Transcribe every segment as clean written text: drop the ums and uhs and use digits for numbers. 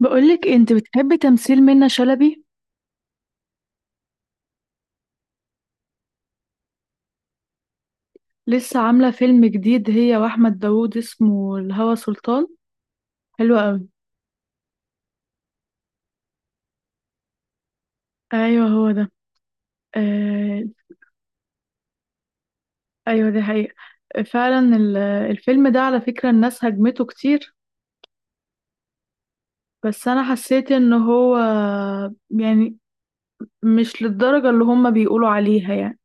بقولك انت بتحبي تمثيل منة شلبي. لسه عاملة فيلم جديد هي واحمد داوود اسمه الهوى سلطان، حلو قوي. ايوه هو ده. آه. ايوه دي حقيقة. فعلا الفيلم ده على فكرة الناس هجمته كتير، بس انا حسيت ان هو يعني مش للدرجة اللي هما بيقولوا عليها يعني.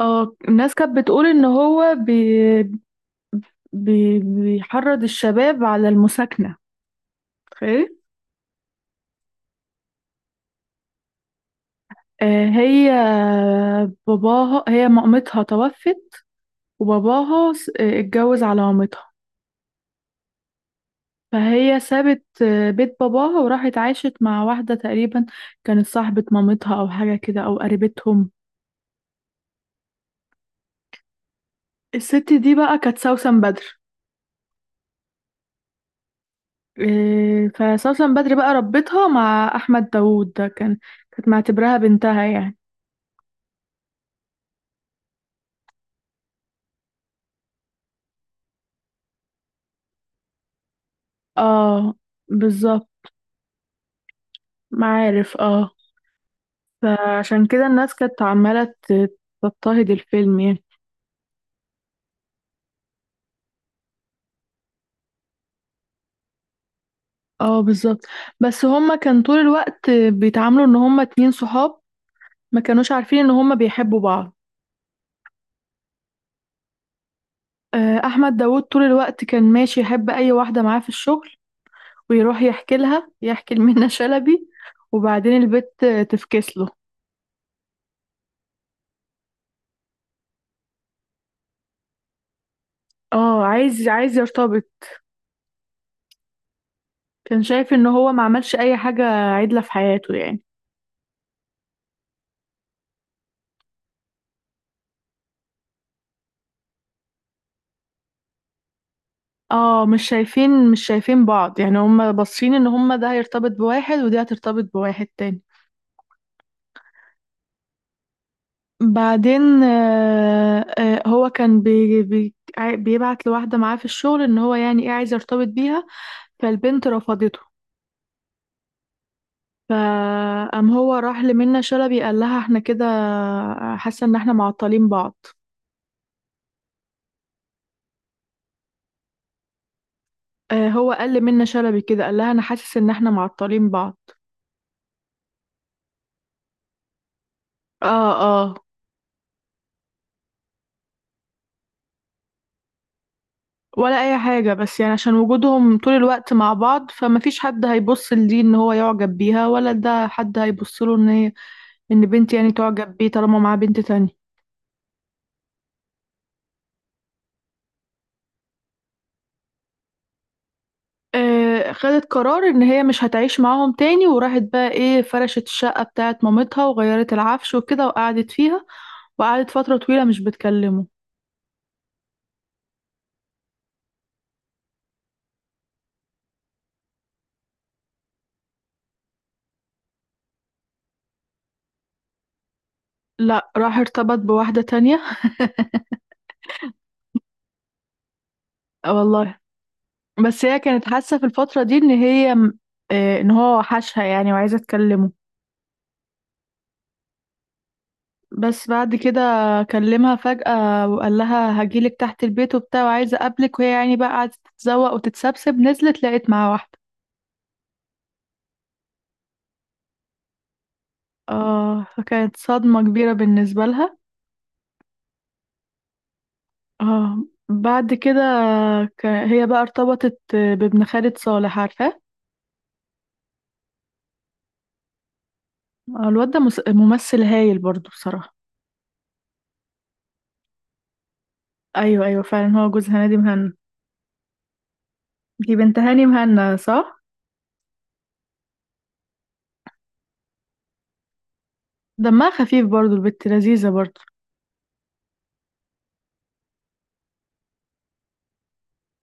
اه الناس كانت بتقول ان هو بي بي بيحرض الشباب على المساكنة، تخيلي. آه، هي هي مامتها توفت، وباباها اتجوز على مامتها. فهي سابت بيت باباها وراحت عاشت مع واحدة تقريبا كانت صاحبة مامتها أو حاجة كده أو قريبتهم. الست دي بقى كانت سوسن بدر. فسوسن بدر بقى ربتها مع أحمد داوود ده كانت معتبرها بنتها يعني. اه بالظبط. معارف اه. فعشان كده الناس كانت عمالة تضطهد الفيلم يعني. اه بالظبط. بس هما كان طول الوقت بيتعاملوا ان هما اتنين صحاب، ما كانوش عارفين ان هما بيحبوا بعض. احمد داوود طول الوقت كان ماشي يحب اي واحده معاه في الشغل، ويروح يحكي لمنى شلبي. وبعدين البت تفكس له. اه عايز يرتبط. كان شايف ان هو ما عملش اي حاجه عدله في حياته يعني. اه مش شايفين بعض يعني، هما باصين ان هما ده هيرتبط بواحد ودي هترتبط بواحد تاني. بعدين هو كان بيبعت لواحدة معاه في الشغل ان هو يعني ايه عايز يرتبط بيها، فالبنت رفضته. فقام هو راح لمنى شلبي قال لها احنا كده حاسة ان احنا معطلين بعض. هو قال لمنى شلبي كده قال لها انا حاسس ان احنا معطلين بعض. اه اه. ولا اي حاجة بس يعني عشان وجودهم طول الوقت مع بعض فمفيش حد هيبص لدي ان هو يعجب بيها ولا ده حد هيبص له ان بنت يعني تعجب بيه طالما معاه بنت تانية. خدت قرار ان هي مش هتعيش معاهم تاني وراحت بقى ايه فرشت الشقة بتاعت مامتها وغيرت العفش وكده وقعدت فيها، وقعدت فترة طويلة مش بتكلمه. لا راح ارتبط بواحدة تانية. والله. بس هي كانت حاسة في الفترة دي ان ان هو وحشها يعني وعايزة تكلمه. بس بعد كده كلمها فجأة وقال لها هجيلك تحت البيت وبتاع وعايزة اقابلك وهي يعني بقى قعدت تتزوق وتتسبسب نزلت لقيت معاه واحدة. اه فكانت صدمة كبيرة بالنسبة لها. اه بعد كده هي بقى ارتبطت بابن خالد صالح عارفاه. الواد ده ممثل هايل برضو بصراحة. ايوه ايوه فعلا هو جوز هنادي مهنا. دي بنت هاني مهنا صح؟ دمها خفيف برضو البت لذيذة برضو.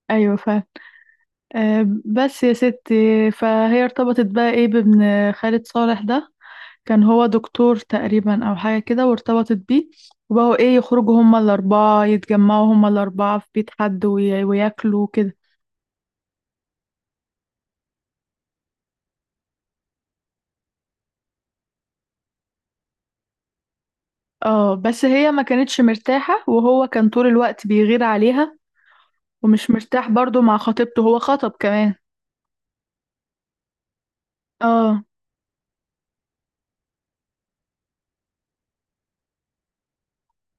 ايوه فعلا. بس يا ستي فهي ارتبطت بقى ايه بابن خالد صالح ده. كان هو دكتور تقريبا او حاجة كده وارتبطت بيه، وبقوا ايه يخرجوا هما الاربعة يتجمعوا هما الاربعة في بيت حد وياكلوا كده. اه بس هي ما كانتش مرتاحة وهو كان طول الوقت بيغير عليها. ومش مرتاح برضو مع خطيبته هو خطب كمان. اه.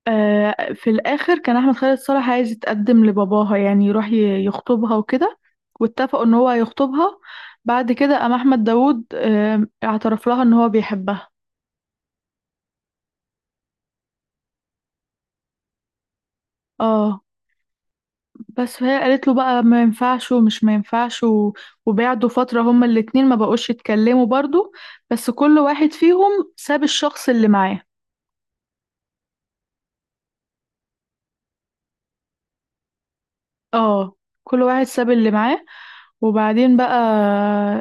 في الآخر كان أحمد خالد صالح عايز يتقدم لباباها يعني يروح يخطبها وكده، واتفقوا إن هو هيخطبها. بعد كده قام أحمد داوود اعترف لها إن هو بيحبها. اه بس فهي قالت له بقى ما ينفعش ومش ما ينفعش وبعدوا فترة هما الاتنين ما بقوش يتكلموا برضو، بس كل واحد فيهم ساب الشخص اللي معاه. اه كل واحد ساب اللي معاه. وبعدين بقى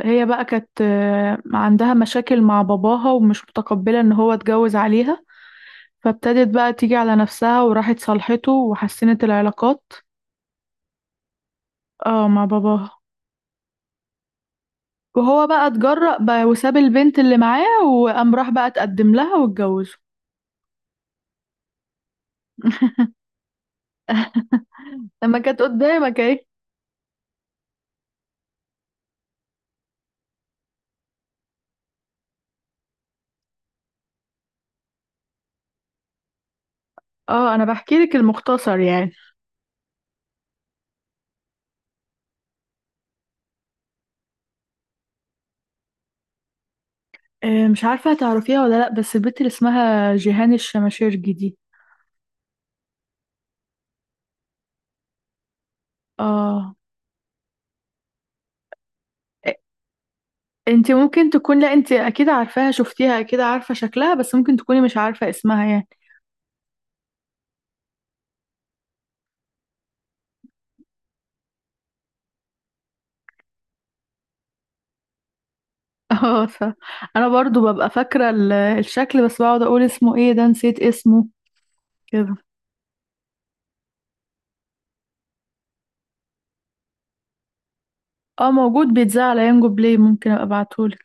هي بقى كانت عندها مشاكل مع باباها ومش متقبلة ان هو اتجوز عليها. فابتدت بقى تيجي على نفسها وراحت صالحته وحسنت العلاقات. اه مع باباها. وهو بقى اتجرأ بقى وساب البنت اللي معاه وقام راح بقى اتقدم لها واتجوزه. لما كانت قدامك اهي. اه انا بحكي لك المختصر يعني. مش عارفة هتعرفيها ولا لا، بس البنت اللي اسمها جيهان الشماشيرجي دي. اه انت ممكن تكون لا انت اكيد عارفاها شفتيها اكيد عارفه شكلها بس ممكن تكوني مش عارفه اسمها يعني. اه انا برضو ببقى فاكره الشكل بس بقعد اقول اسمه ايه ده نسيت اسمه كده. اه موجود بيتذاع على ينجو بلاي ممكن ابقى ابعتهولك.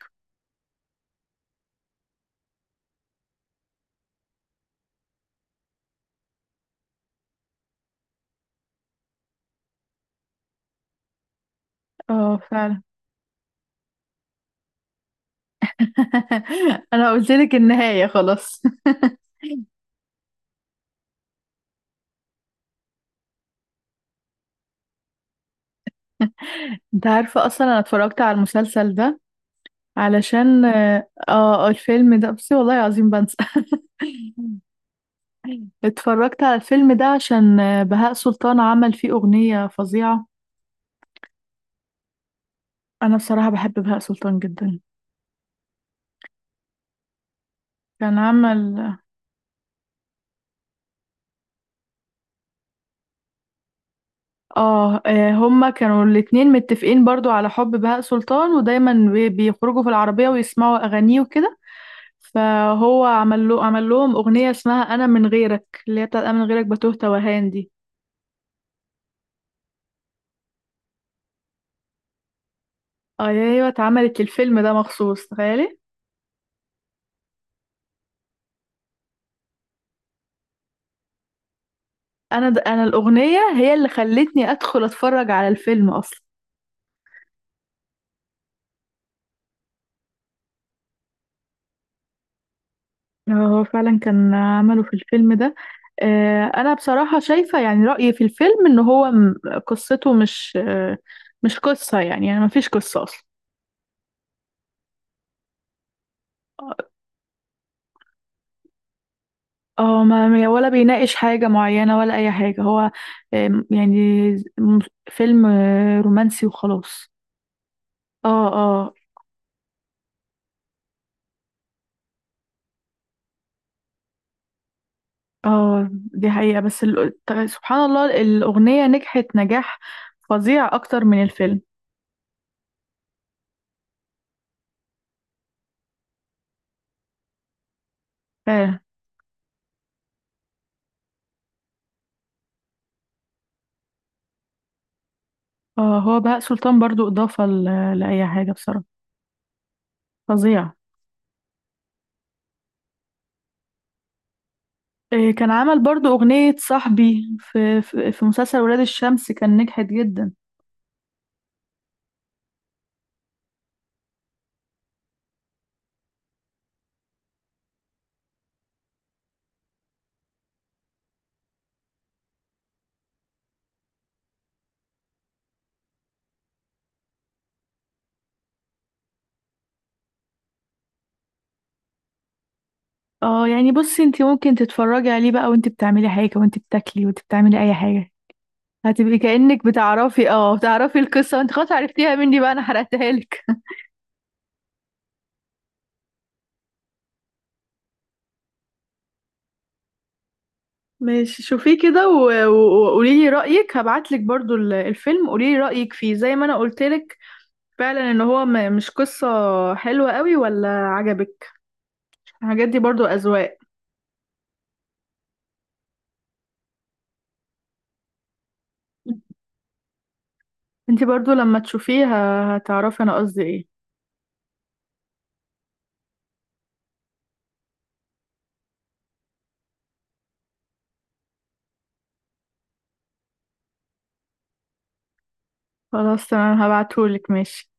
اه فعلا. انا قلت لك النهايه خلاص. انت عارفه اصلا انا اتفرجت على المسلسل ده علشان الفيلم ده بصي والله العظيم بنسى. اتفرجت على الفيلم ده عشان بهاء سلطان عمل فيه أغنية فظيعة. أنا بصراحة بحب بهاء سلطان جدا. كان عمل هما كانوا الاتنين متفقين برضو على حب بهاء سلطان ودايما بيخرجوا في العربية ويسمعوا أغانيه وكده. فهو عمل لهم أغنية اسمها أنا من غيرك اللي هي بتاعت أنا من غيرك بتوه توهان دي. أيوة اتعملت الفيلم ده مخصوص تخيلي. أنا الأغنية هي اللي خلتني أدخل أتفرج على الفيلم أصلا. هو فعلا كان عمله في الفيلم ده. انا بصراحة شايفة يعني رأيي في الفيلم ان قصته مش قصة يعني ما فيش قصة اصلا. اه ولا بيناقش حاجة معينة ولا اي حاجة هو يعني م- فيلم رومانسي وخلاص. اه اه اه دي حقيقة بس سبحان الله الأغنية نجحت نجاح فظيع اكتر من الفيلم. فعلا. اه هو بهاء سلطان برضو إضافة لأي حاجة بصراحة، فظيع. إيه، كان عمل برضو أغنية صاحبي في مسلسل ولاد الشمس كان نجحت جدا. اه يعني بصي انت ممكن تتفرجي عليه بقى وانت بتعملي حاجة وانت بتاكلي وانت بتعملي أي حاجة. هتبقي كأنك بتعرفي القصة وانت خلاص عرفتيها مني بقى أنا حرقتها لك. ماشي شوفيه كده وقولي لي رأيك هبعت لك برضو الفيلم قولي لي رأيك فيه زي ما أنا قلت لك. فعلا ان مش قصة حلوة قوي ولا عجبك. الحاجات دي برضو أذواق. انتي برضو لما تشوفيه هتعرفي انا قصدي ايه؟ خلاص تمام هبعتهولك ماشي.